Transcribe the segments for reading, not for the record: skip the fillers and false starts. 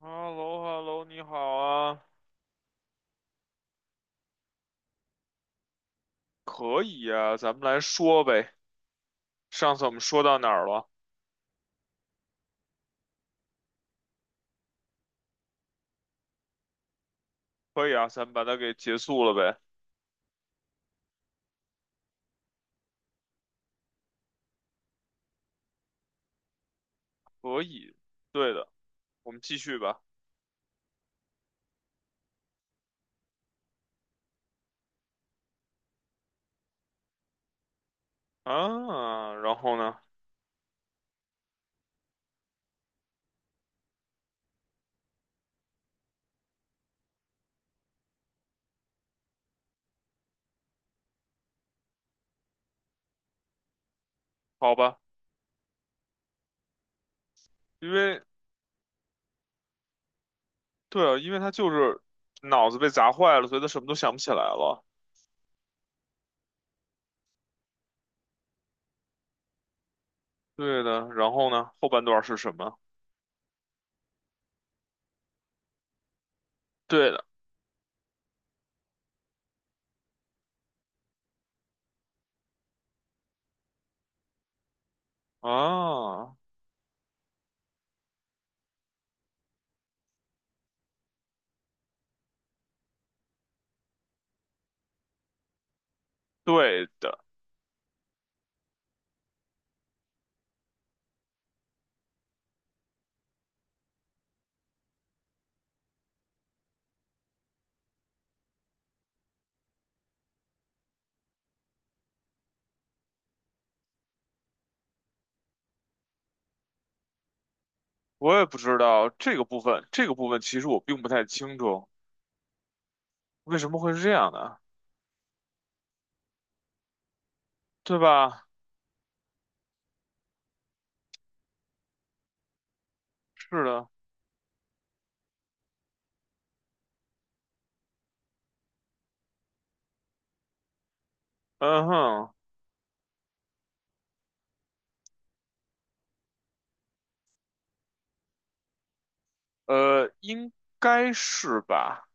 哈喽哈喽，你好啊，可以啊，咱们来说呗。上次我们说到哪儿了？可以啊，咱们把它给结束了呗。可以，对的，我们继续吧。啊，然后呢？好吧，因为对啊，因为他就是脑子被砸坏了，所以他什么都想不起来了。对的，然后呢？后半段是什么？对的，啊，对的，我也不知道这个部分，其实我并不太清楚，为什么会是这样的啊，对吧？是的。嗯哼，应该是吧？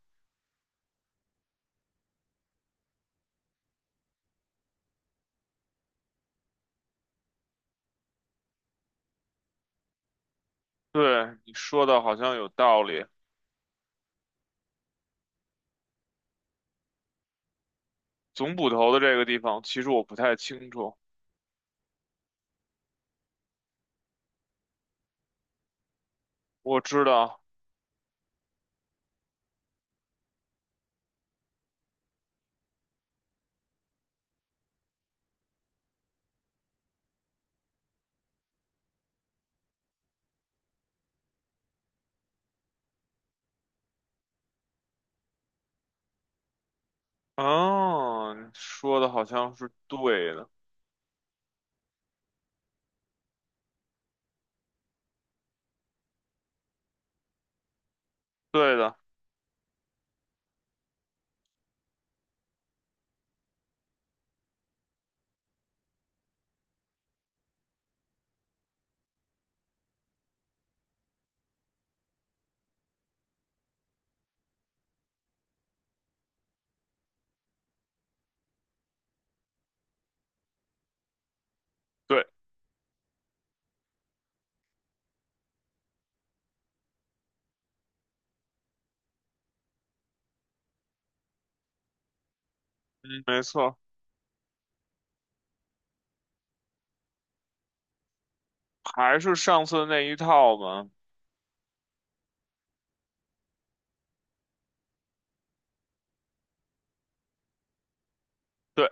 对，你说的好像有道理。总捕头的这个地方，其实我不太清楚。我知道，哦，你说的好像是对的，对的，对，嗯，没错，还是上次那一套嘛。对，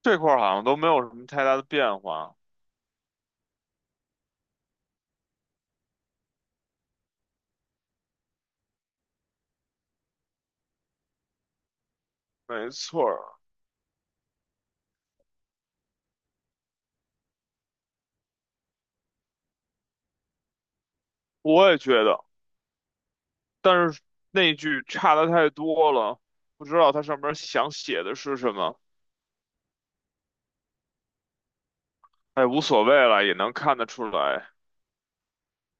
这块儿好像都没有什么太大的变化。没错儿，我也觉得，但是那句差的太多了，不知道它上面想写的是什么。哎，无所谓了，也能看得出来。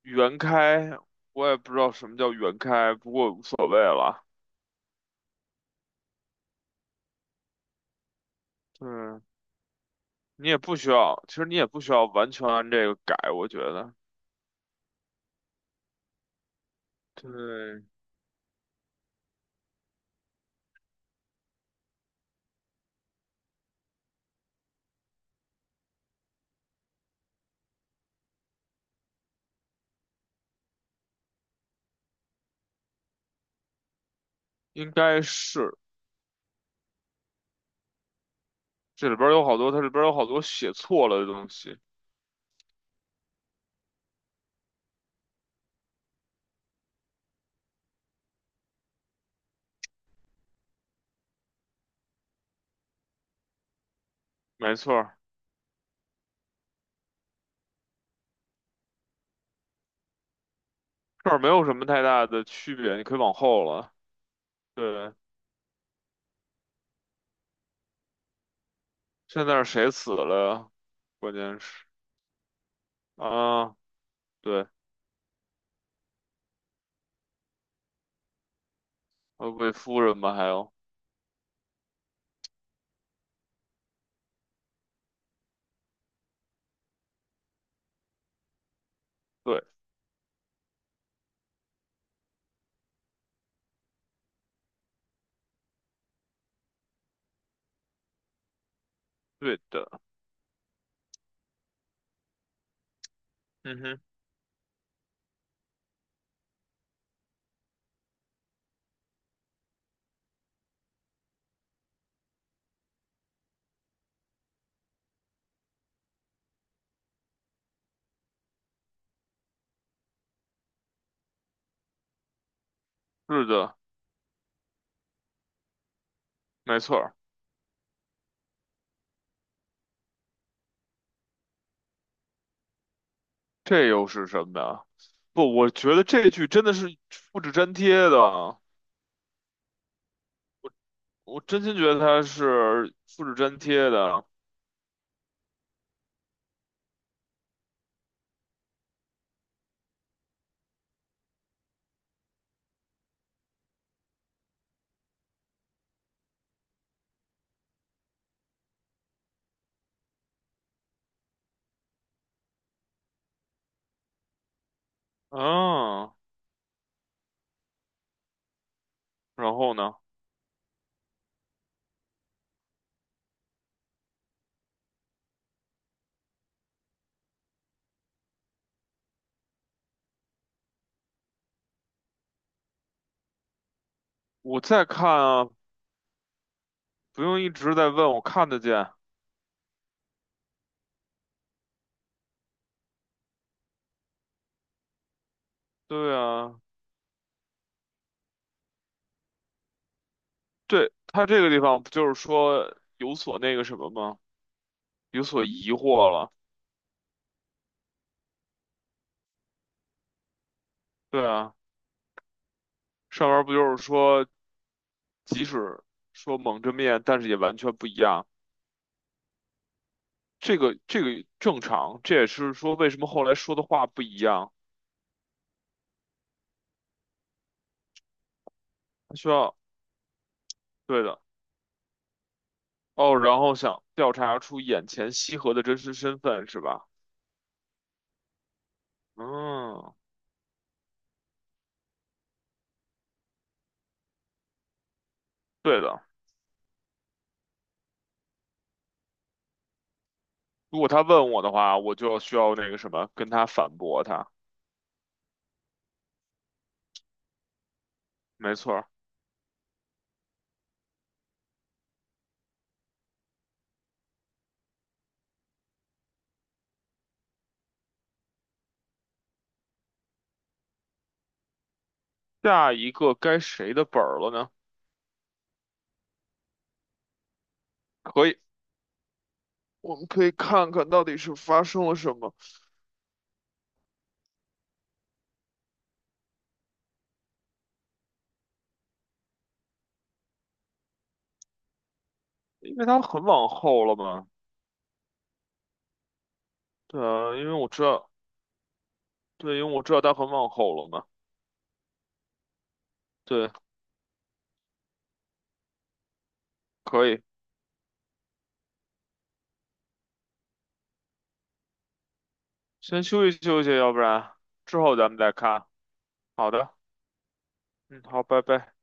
原开，我也不知道什么叫原开，不过无所谓了。对，你也不需要，其实你也不需要完全按这个改，我觉得。对，应该是这里边儿有好多，它里边儿有好多写错了的东西。没错儿，这儿没有什么太大的区别，你可以往后了。对，现在是谁死了？呀？关键是啊，对，未夫人吧，还有，对，对的，嗯哼，是的，没错儿，这又是什么呀？不，我觉得这句真的是复制粘贴的，我真心觉得它是复制粘贴的。嗯，然后呢，我再看啊，不用一直在问，我看得见。对啊，对，它这个地方不就是说有所那个什么吗？有所疑惑了。对啊，上面不就是说，即使说蒙着面，但是也完全不一样。这个正常，这也是说为什么后来说的话不一样。他需要，对的，哦，然后想调查出眼前西河的真实身份是吧？嗯，对的。如果他问我的话，我就需要那个什么，跟他反驳他。没错儿，下一个该谁的本儿了呢？可以，我们可以看看到底是发生了什么，因为他很往后了嘛。对啊，因为我知道，对，因为我知道他很往后了嘛。对，可以，先休息休息，要不然之后咱们再看。好的，嗯，好，拜拜。